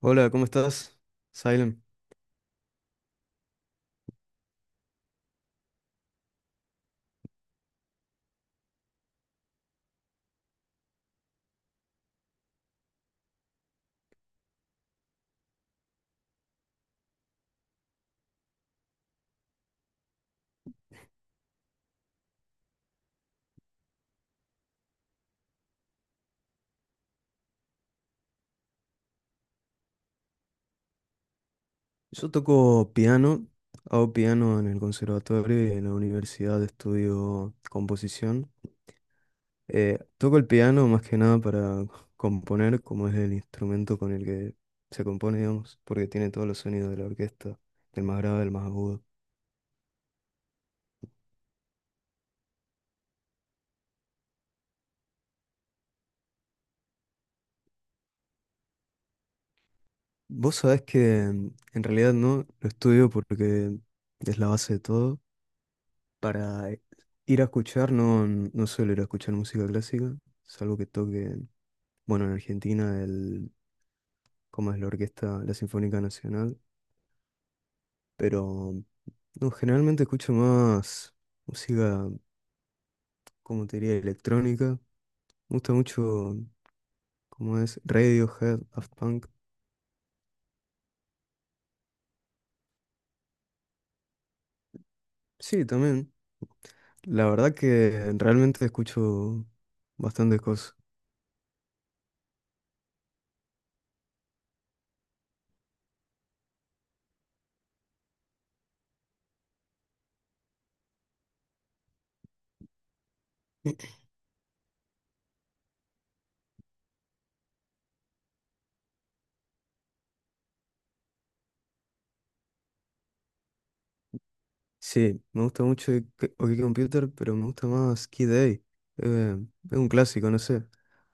Hola, ¿cómo estás? Silent. Yo toco piano, hago piano en el conservatorio y en la universidad estudio composición. Toco el piano más que nada para componer, como es el instrumento con el que se compone, digamos, porque tiene todos los sonidos de la orquesta, del más grave al más agudo. Vos sabés que en realidad no, lo estudio porque es la base de todo. Para ir a escuchar, no, no suelo ir a escuchar música clásica, salvo que toque, bueno, en Argentina, ¿cómo es la orquesta, la Sinfónica Nacional? Pero no, generalmente escucho más música, como te diría, electrónica. Me gusta mucho, como es Radiohead, Daft Punk. Sí, también. La verdad que realmente escucho bastantes cosas. Sí, me gusta mucho OK Computer, pero me gusta más Kid A. Es un clásico, no sé.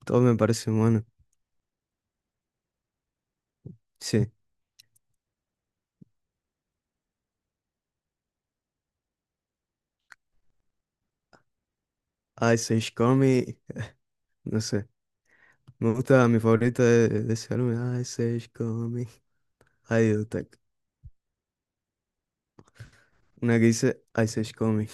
Todo me parece bueno. Sí, Ice Age Comic, no sé. Me gusta mi favorita de ese álbum, Ice Age Comic, Idiotech. Una que dice Ice Age Comic,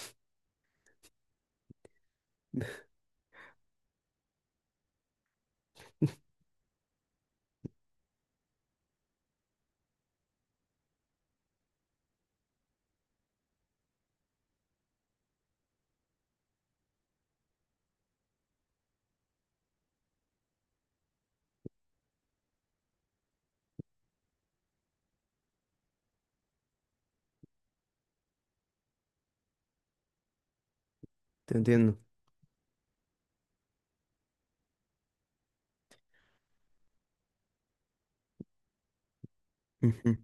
te entiendo. Ujú.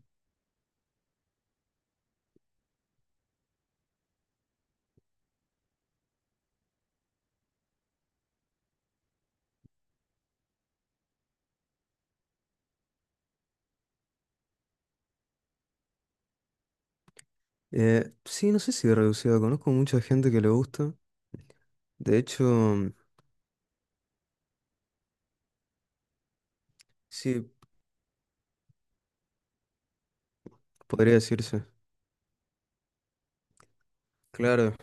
Sí, no sé si reducido, conozco mucha gente que le gusta. De hecho, sí, podría decirse. Claro,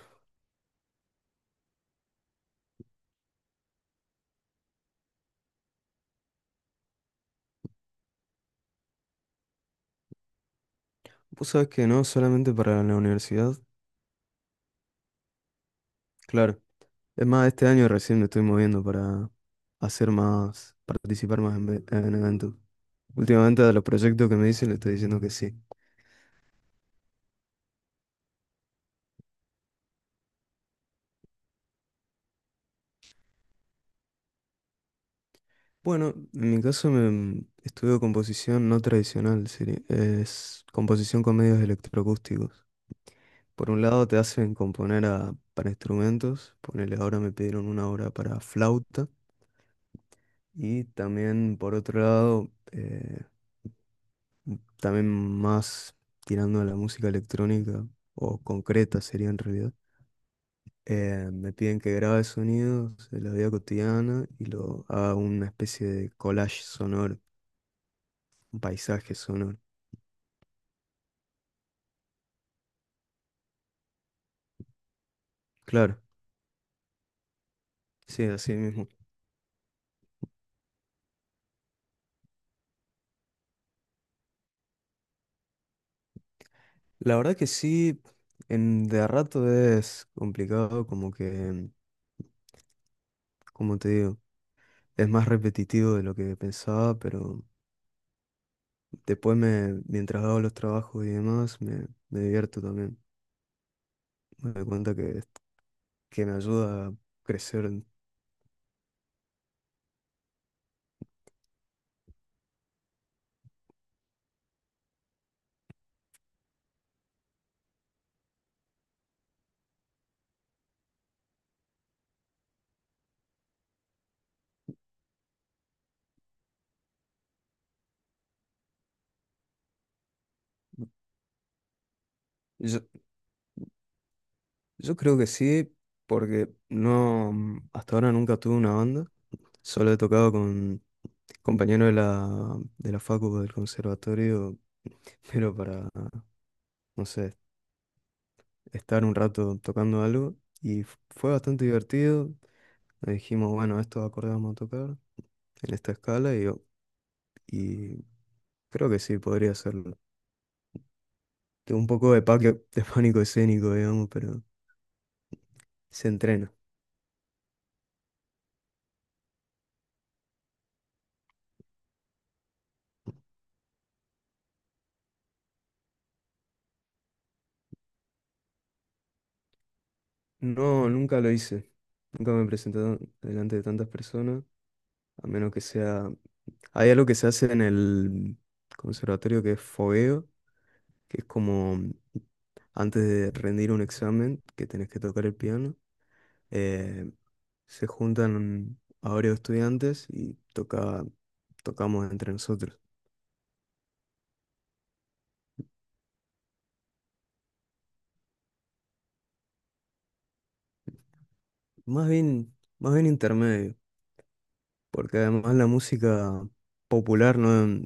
vos sabés que no solamente para la universidad, claro. Es más, este año recién me estoy moviendo para hacer más, participar más en eventos. Últimamente a los proyectos que me dicen le estoy diciendo que sí. Bueno, en mi caso me estudio composición no tradicional, sería- es composición con medios electroacústicos. Por un lado te hacen componer para instrumentos, ponele ahora me pidieron una obra para flauta y también por otro lado, también más tirando a la música electrónica o concreta sería en realidad. Me piden que grabe sonidos de la vida cotidiana y lo haga una especie de collage sonoro, un paisaje sonoro. Claro, sí, así mismo. La verdad que sí, de a rato es complicado, como que, como te digo, es más repetitivo de lo que pensaba, pero después mientras hago los trabajos y demás, me divierto también. Me doy cuenta que me ayuda a crecer. Yo- Yo creo que sí, porque no, hasta ahora nunca tuve una banda. Solo he tocado con compañeros de la, facu del conservatorio, pero para, no sé, estar un rato tocando algo. Y fue bastante divertido. Le dijimos, bueno, estos acordes vamos a tocar en esta escala y creo que sí, podría hacerlo. Tengo un poco de pánico escénico, digamos, pero se entrena. No, nunca lo hice. Nunca me he presentado delante de tantas personas. A menos que sea... Hay algo que se hace en el conservatorio que es fogueo, que es como antes de rendir un examen, que tenés que tocar el piano. eh, se juntan a varios estudiantes y tocamos entre nosotros. Más bien intermedio, porque además la música popular no,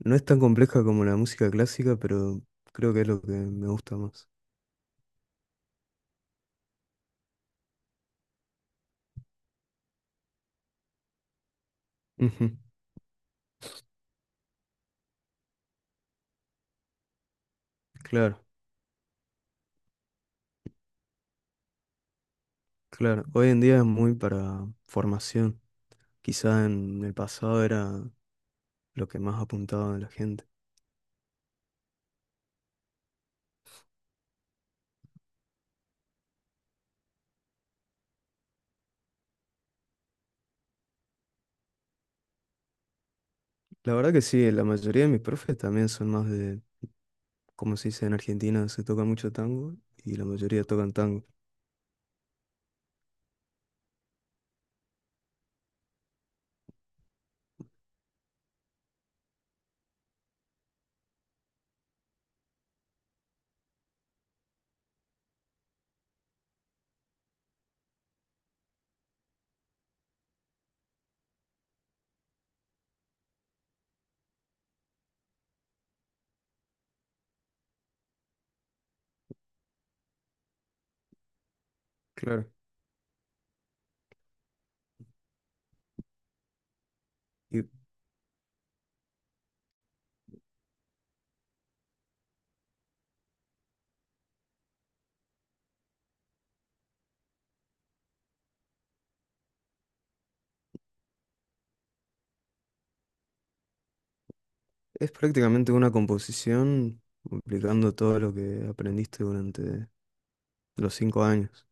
no es tan compleja como la música clásica, pero creo que es lo que me gusta más. Ujú, claro, claro. Hoy en día es muy para formación. Quizá en el pasado era lo que más apuntaba a la gente. La verdad que sí, la mayoría de mis profes también son más de, como se dice en Argentina, se toca mucho tango y la mayoría tocan tango. Claro. Y es prácticamente una composición aplicando todo lo que aprendiste durante los 5 años.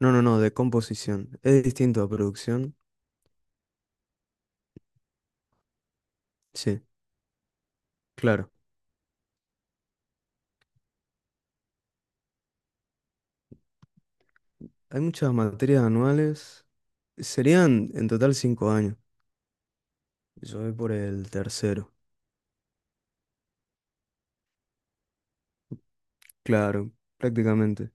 No, no, no, de composición. Es distinto a producción. Sí, claro. Hay muchas materias anuales. Serían en total 5 años. Yo voy por el tercero. Claro, prácticamente.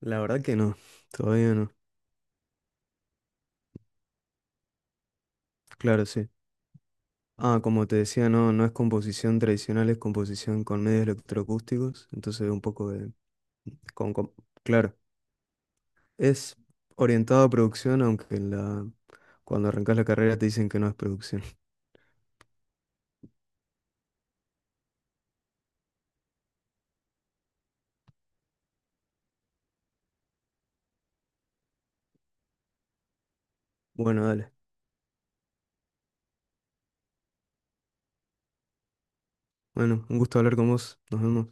La verdad que no, todavía no. Claro, sí. Ah, como te decía, no, no es composición tradicional, es composición con medios electroacústicos, entonces un poco de... Con, con- claro, es orientado a producción, aunque en la, cuando arrancas la carrera te dicen que no es producción. Bueno, dale. Bueno, un gusto hablar con vos. Nos vemos.